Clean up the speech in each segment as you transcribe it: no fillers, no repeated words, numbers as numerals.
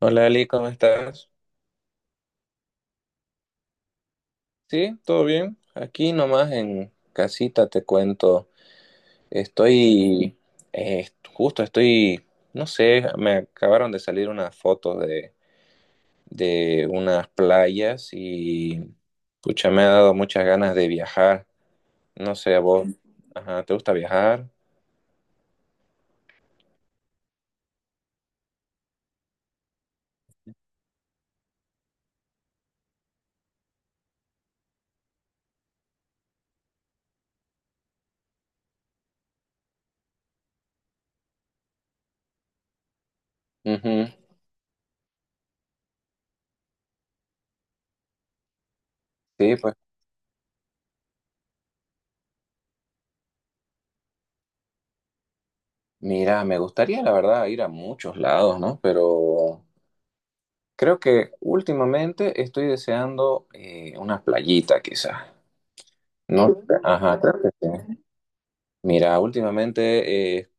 Hola Ali, ¿cómo estás? Sí, todo bien. Aquí nomás en casita te cuento. Estoy, Justo estoy, no sé, me acabaron de salir unas fotos de unas playas y pucha, me ha dado muchas ganas de viajar. No sé, a vos, ajá, ¿te gusta viajar? Ujú. Sí, pues mira, me gustaría la verdad ir a muchos lados, ¿no? Pero creo que últimamente estoy deseando una playita quizás. No, ajá, creo que sí. Mira, últimamente he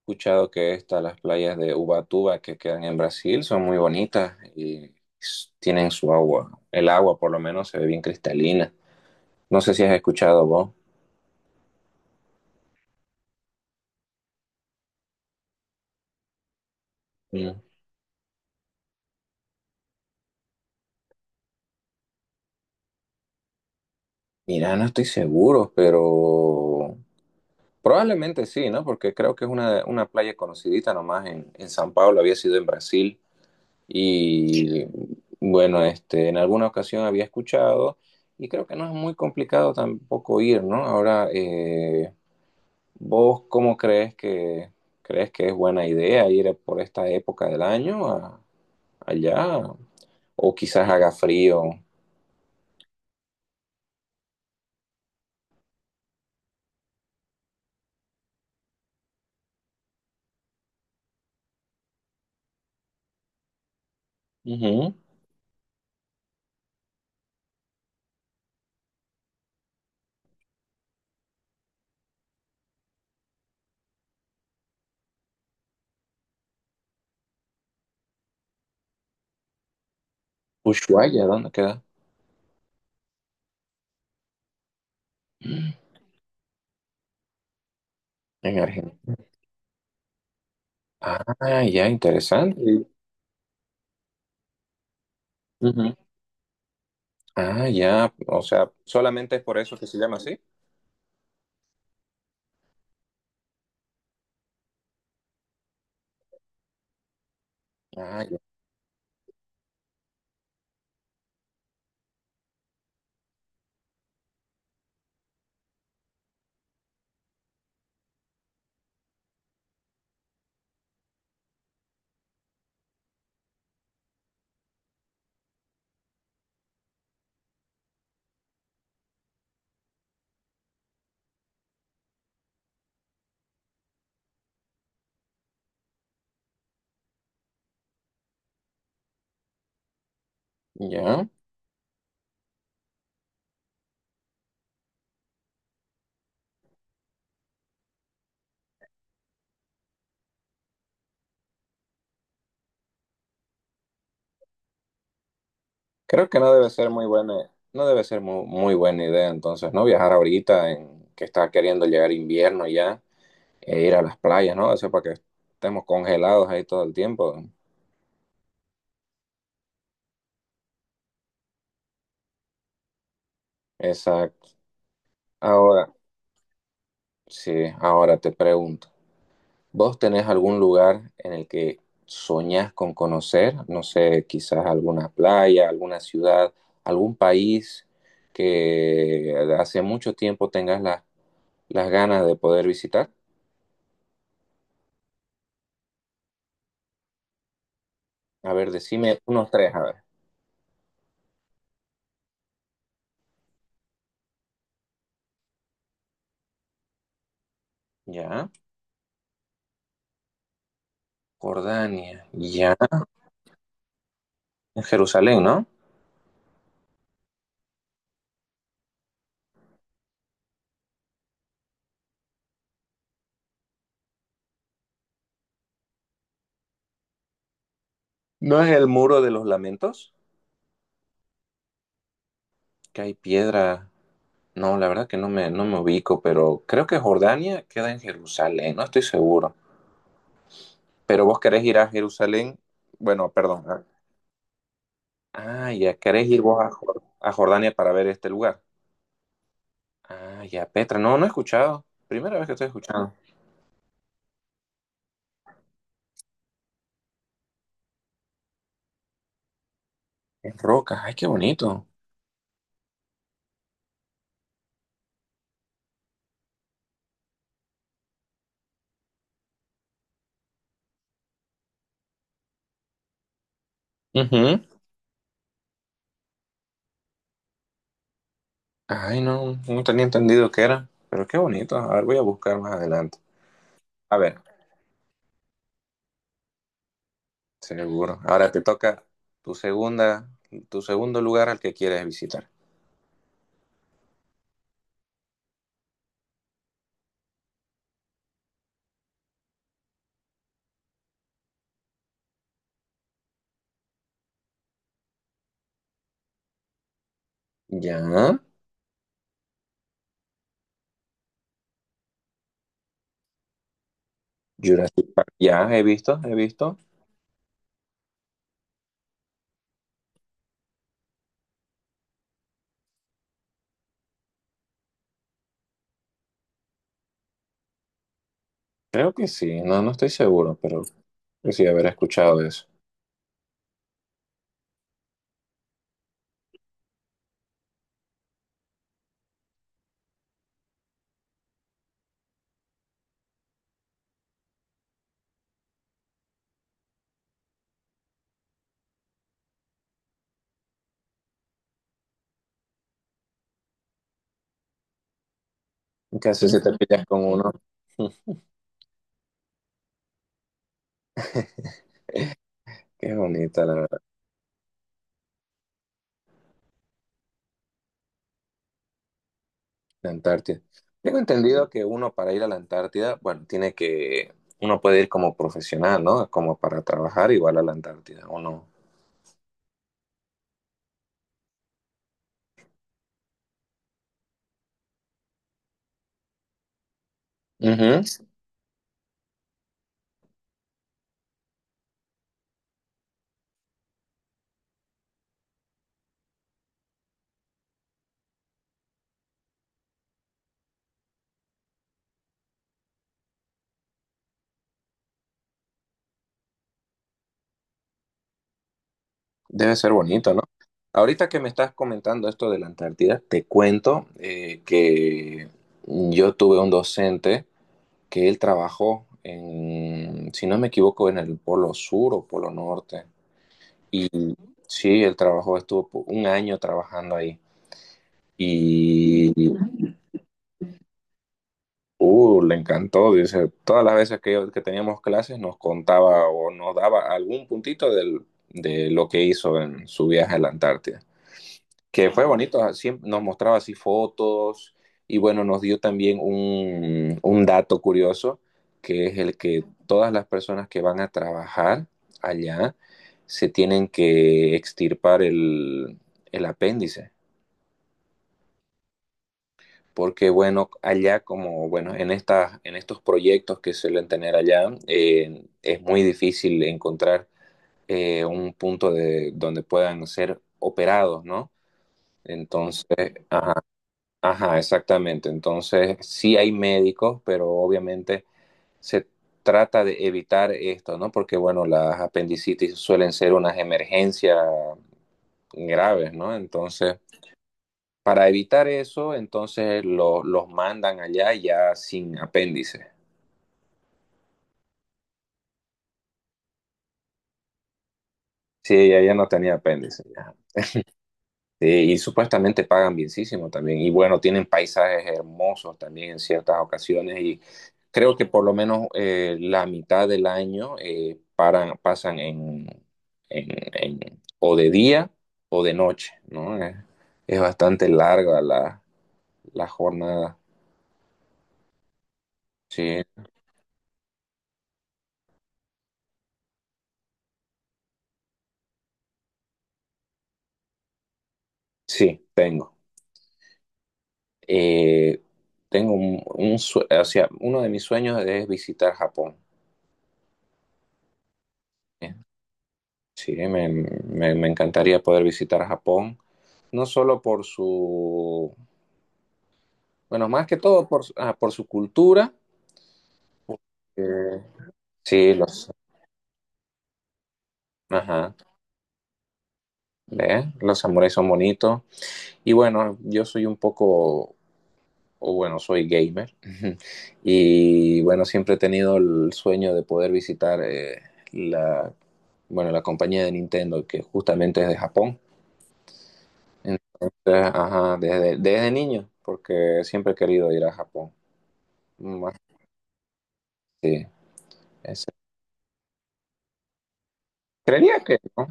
escuchado que estas, las playas de Ubatuba que quedan en Brasil, son muy bonitas y tienen su agua. El agua, por lo menos, se ve bien cristalina. No sé si has escuchado vos. Mm. Mira, no estoy seguro, pero probablemente sí, ¿no? Porque creo que es una playa conocidita nomás en San Pablo, había sido en Brasil. Y bueno, este, en alguna ocasión había escuchado y creo que no es muy complicado tampoco ir, ¿no? Ahora, ¿vos cómo crees que es buena idea ir por esta época del año allá? O quizás haga frío. Ujú. Ushuaia, ¿dónde queda? En Argentina. Ah, ya, interesante. Ujú. Ah, ya, o sea, solamente es por eso que se llama así. Ah, ya. Ya. Creo que no debe ser muy buena, no debe ser mu- muy, buena idea entonces, ¿no? Viajar ahorita en que está queriendo llegar invierno ya e ir a las playas, ¿no? Eso para que estemos congelados ahí todo el tiempo. Exacto. Ahora, sí, ahora te pregunto, ¿vos tenés algún lugar en el que soñás con conocer? No sé, quizás alguna playa, alguna ciudad, algún país que hace mucho tiempo tengas las ganas de poder visitar. A ver, decime unos tres, a ver. Ya, Jordania, ya, en Jerusalén, ¿no? ¿No es el muro de los lamentos? Que hay piedra. No, la verdad que no me ubico, pero creo que Jordania queda en Jerusalén, no estoy seguro. Pero vos querés ir a Jerusalén, bueno, perdón. Ah, ya, querés ir vos a, a Jordania para ver este lugar. Ah, ya, Petra, no, no he escuchado. Primera vez que estoy escuchando. Es roca, ay, qué bonito. Ujú. Ay, no, no tenía entendido qué era, pero qué bonito. A ver, voy a buscar más adelante. A ver. Seguro. Ahora te toca tu segunda, tu segundo lugar al que quieres visitar. Ya, Jurassic Park. Ya, he visto, he visto. Creo que sí, no, no estoy seguro, pero sí haber escuchado de eso. Casi si te pillas con uno. Qué bonita la Antártida. Tengo entendido que uno para ir a la Antártida, bueno, tiene que, uno puede ir como profesional, ¿no? Como para trabajar igual a la Antártida, ¿o no? Ujú. Debe ser bonito, ¿no? Ahorita que me estás comentando esto de la Antártida, te cuento que yo tuve un docente que él trabajó en, si no me equivoco, en el Polo Sur o Polo Norte. Sí, él trabajó, estuvo un año trabajando ahí y le encantó. Dice, todas las veces que teníamos clases nos contaba o nos daba algún puntito de lo que hizo en su viaje a la Antártida. Que fue bonito, siempre nos mostraba así fotos y bueno, nos dio también un dato curioso, que es el que todas las personas que van a trabajar allá se tienen que extirpar el apéndice, porque bueno, allá como bueno, estas en estos proyectos que suelen tener allá, es muy difícil encontrar un punto de, donde puedan ser operados, ¿no? Entonces, ajá, Ajá, exactamente. Entonces, sí hay médicos, pero obviamente se trata de evitar esto, ¿no? Porque, bueno, las apendicitis suelen ser unas emergencias graves, ¿no? Entonces, para evitar eso, entonces los mandan allá ya sin apéndice. Sí, ella ya no tenía apéndice. Sí, y supuestamente pagan bienísimo también. Y bueno, tienen paisajes hermosos también en ciertas ocasiones. Y creo que por lo menos la mitad del año paran, pasan en, en- o de día o de noche, ¿no? Es bastante larga la jornada. Sí, sí, tengo. Eh, tengo un o sea, uno de mis sueños es visitar Japón. ¿Eh? Sí, me encantaría poder visitar Japón. No solo por su, bueno, más que todo por, por su cultura. Eh, sí, los, ajá, ¿ve? Los samuráis son bonitos. Y bueno, yo soy un poco, o bueno, soy gamer. Y bueno, siempre he tenido el sueño de poder visitar la, bueno, la compañía de Nintendo, que justamente es de Japón. Entonces, ajá, desde niño, porque siempre he querido ir a Japón. Más, sí, ese- Creería que no.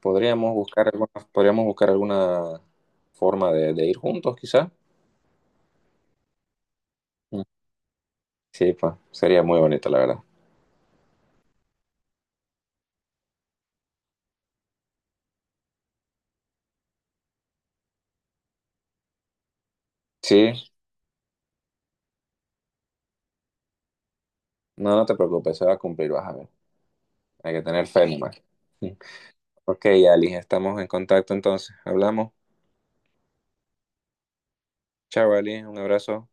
Podríamos buscar alguna forma de ir juntos, quizás. Sí, pues, sería muy bonito, la verdad. Sí, no, no te preocupes, se va a cumplir, vas a ver. Hay que tener fe nomás. Ok, Ali, estamos en contacto entonces. Hablamos. Chao, Ali, un abrazo.